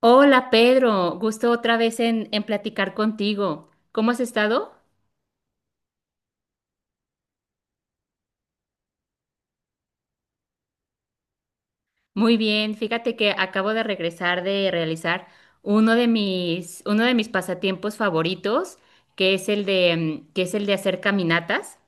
Hola Pedro, gusto otra vez en platicar contigo. ¿Cómo has estado? Muy bien, fíjate que acabo de regresar de realizar uno de mis pasatiempos favoritos, que es el de hacer caminatas.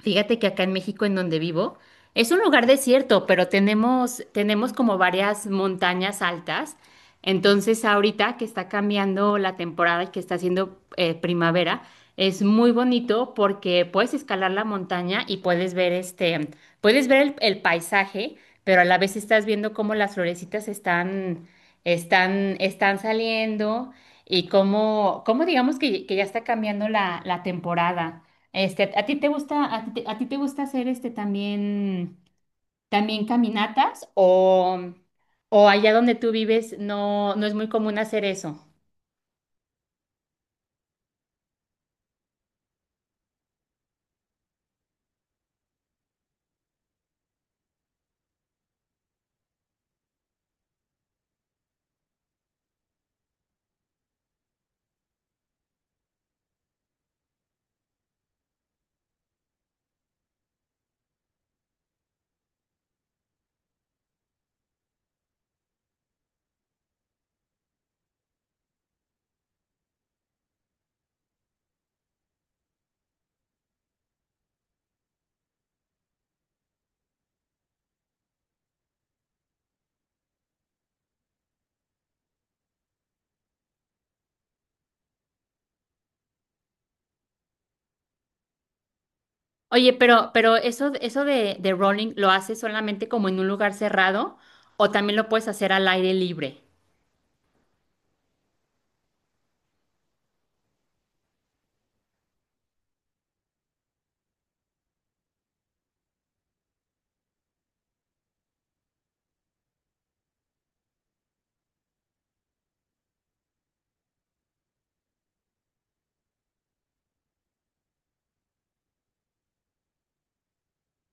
Fíjate que acá en México, en donde vivo, es un lugar desierto, pero tenemos como varias montañas altas. Entonces, ahorita que está cambiando la temporada y que está haciendo primavera, es muy bonito porque puedes escalar la montaña y puedes ver puedes ver el paisaje, pero a la vez estás viendo cómo las florecitas están saliendo y cómo digamos que ya está cambiando la temporada. Este, ¿a ti te gusta, a ti te gusta hacer también, también caminatas o allá donde tú vives no es muy común hacer eso? Oye, pero eso de rolling, ¿lo haces solamente como en un lugar cerrado o también lo puedes hacer al aire libre?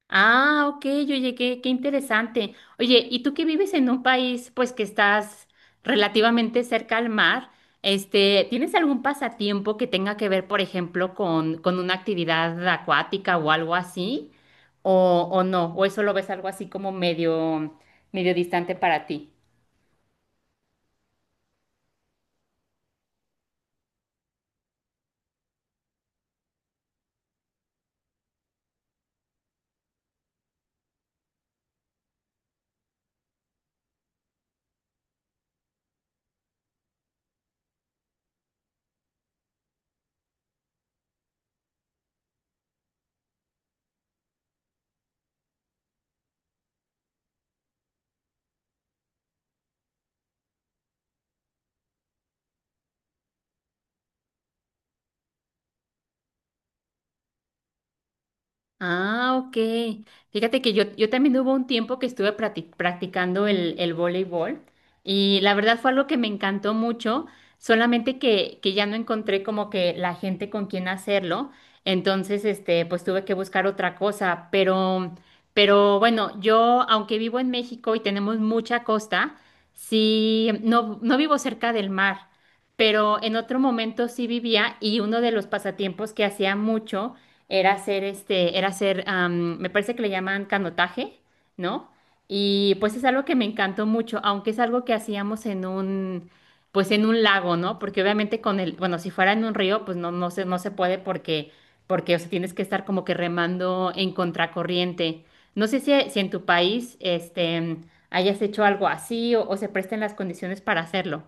Ah, ok, oye, qué interesante. Oye, ¿y tú que vives en un país, pues que estás relativamente cerca al mar, este, ¿tienes algún pasatiempo que tenga que ver, por ejemplo, con una actividad acuática o algo así? O no? ¿O eso lo ves algo así como medio distante para ti? Ah, ok. Fíjate que yo también hubo un tiempo que estuve practicando el voleibol y la verdad fue algo que me encantó mucho, solamente que ya no encontré como que la gente con quien hacerlo, entonces este, pues tuve que buscar otra cosa, pero bueno, yo aunque vivo en México y tenemos mucha costa, sí, no vivo cerca del mar, pero en otro momento sí vivía y uno de los pasatiempos que hacía mucho era hacer este, era hacer, me parece que le llaman canotaje, ¿no? Y pues es algo que me encantó mucho, aunque es algo que hacíamos en un, pues en un lago, ¿no? Porque obviamente con el, bueno, si fuera en un río, pues no se, no se puede porque, porque, o sea, tienes que estar como que remando en contracorriente. No sé si en tu país, este, hayas hecho algo así o se presten las condiciones para hacerlo.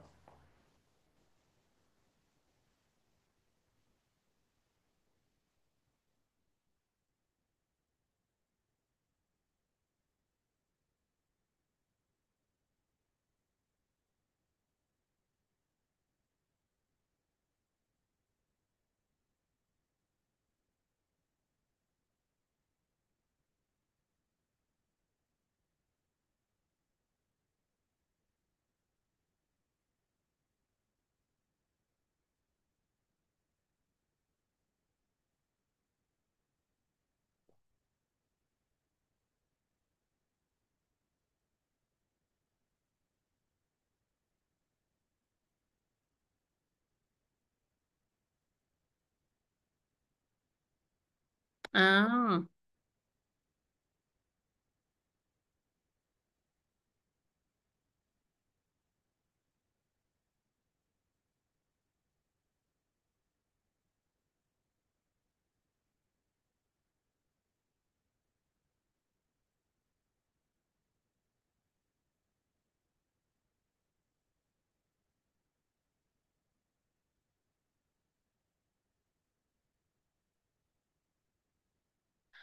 Ah.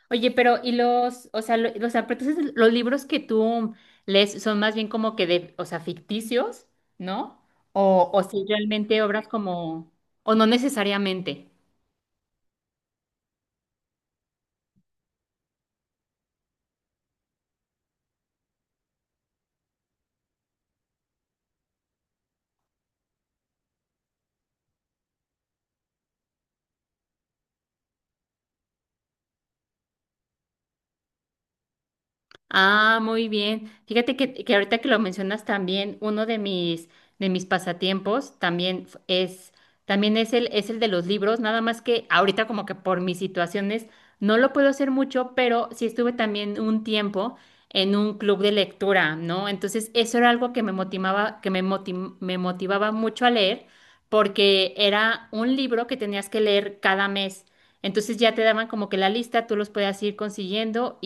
Oye, pero ¿y los, o sea, los, entonces los libros que tú lees son más bien como que de, o sea, ficticios, ¿no? O si realmente obras como, o no necesariamente. Ah, muy bien. Fíjate que ahorita que lo mencionas también, uno de mis pasatiempos también es, también es es el de los libros, nada más que ahorita como que por mis situaciones no lo puedo hacer mucho, pero sí estuve también un tiempo en un club de lectura, ¿no? Entonces eso era algo que me motivaba, que me me motivaba mucho a leer, porque era un libro que tenías que leer cada mes. Entonces ya te daban como que la lista, tú los podías ir consiguiendo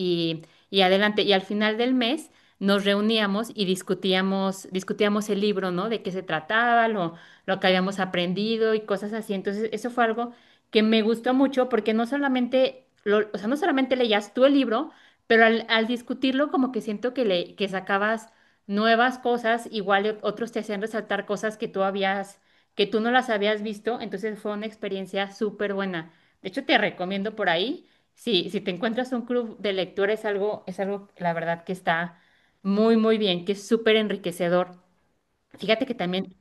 y adelante. Y al final del mes nos reuníamos y discutíamos el libro, ¿no? De qué se trataba, lo que habíamos aprendido y cosas así. Entonces, eso fue algo que me gustó mucho porque no solamente, o sea, no solamente leías tú el libro, pero al discutirlo como que siento que sacabas nuevas cosas, igual y otros te hacían resaltar cosas que tú habías, que tú no las habías visto, entonces fue una experiencia súper buena. De hecho, te recomiendo por ahí. Sí, si te encuentras un club de lectura es algo, la verdad, que está muy, muy bien, que es súper enriquecedor. Fíjate que también,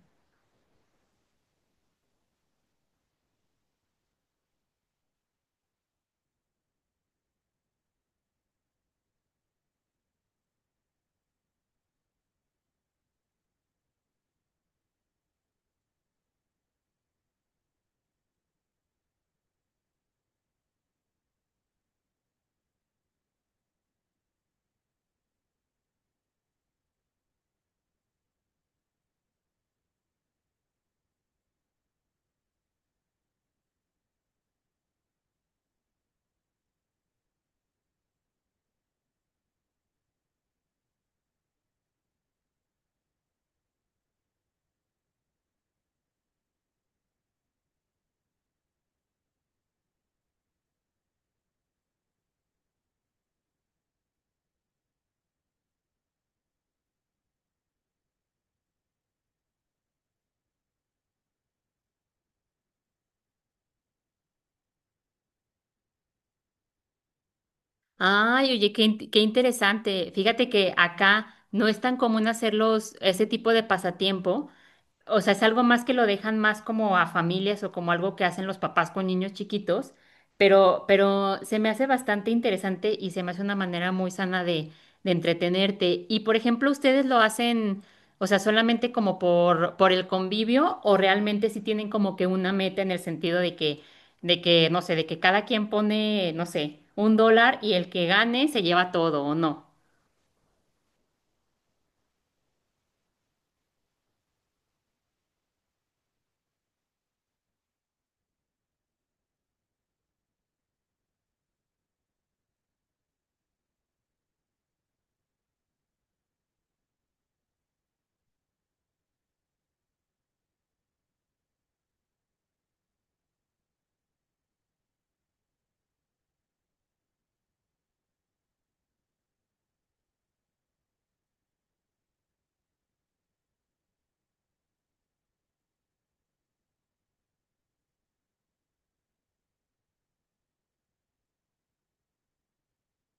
ay, oye, qué, qué interesante. Fíjate que acá no es tan común hacerlos, ese tipo de pasatiempo. O sea, es algo más que lo dejan más como a familias o como algo que hacen los papás con niños chiquitos, pero se me hace bastante interesante y se me hace una manera muy sana de entretenerte. Y por ejemplo, ¿ustedes lo hacen, o sea, solamente como por el convivio o realmente sí tienen como que una meta en el sentido de que, no sé, de que cada quien pone, no sé, un dólar y el que gane se lleva todo o no?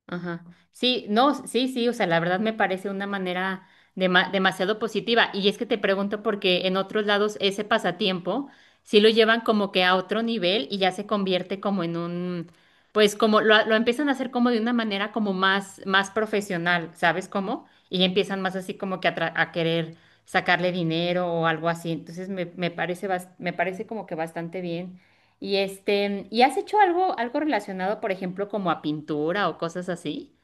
Ajá. Sí, no, sí, sí, o sea, la verdad me parece una manera demasiado positiva. Y es que te pregunto porque en otros lados ese pasatiempo sí lo llevan como que a otro nivel y ya se convierte como en un, pues como lo empiezan a hacer como de una manera como más, más profesional, ¿sabes cómo? Y empiezan más así como que a, a querer sacarle dinero o algo así. Entonces me parece, me parece como que bastante bien. Y este, ¿y has hecho algo, algo relacionado, por ejemplo, como a pintura o cosas así?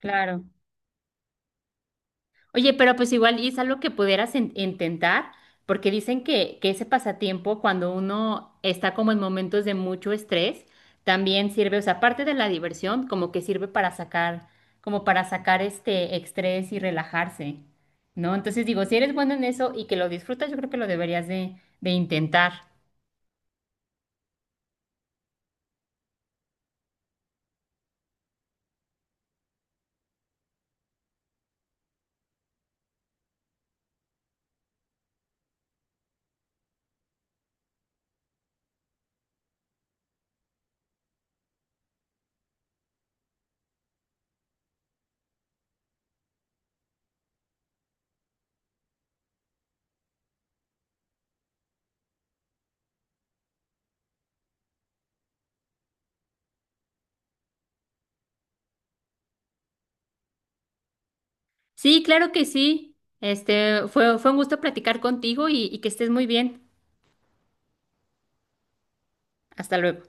Claro. Oye, pero pues igual y es algo que pudieras intentar, porque dicen que ese pasatiempo, cuando uno está como en momentos de mucho estrés, también sirve, o sea, aparte de la diversión, como que sirve para sacar, como para sacar este estrés y relajarse, ¿no? Entonces digo, si eres bueno en eso y que lo disfrutas, yo creo que lo deberías de intentar. Sí, claro que sí. Este, fue un gusto platicar contigo y que estés muy bien. Hasta luego.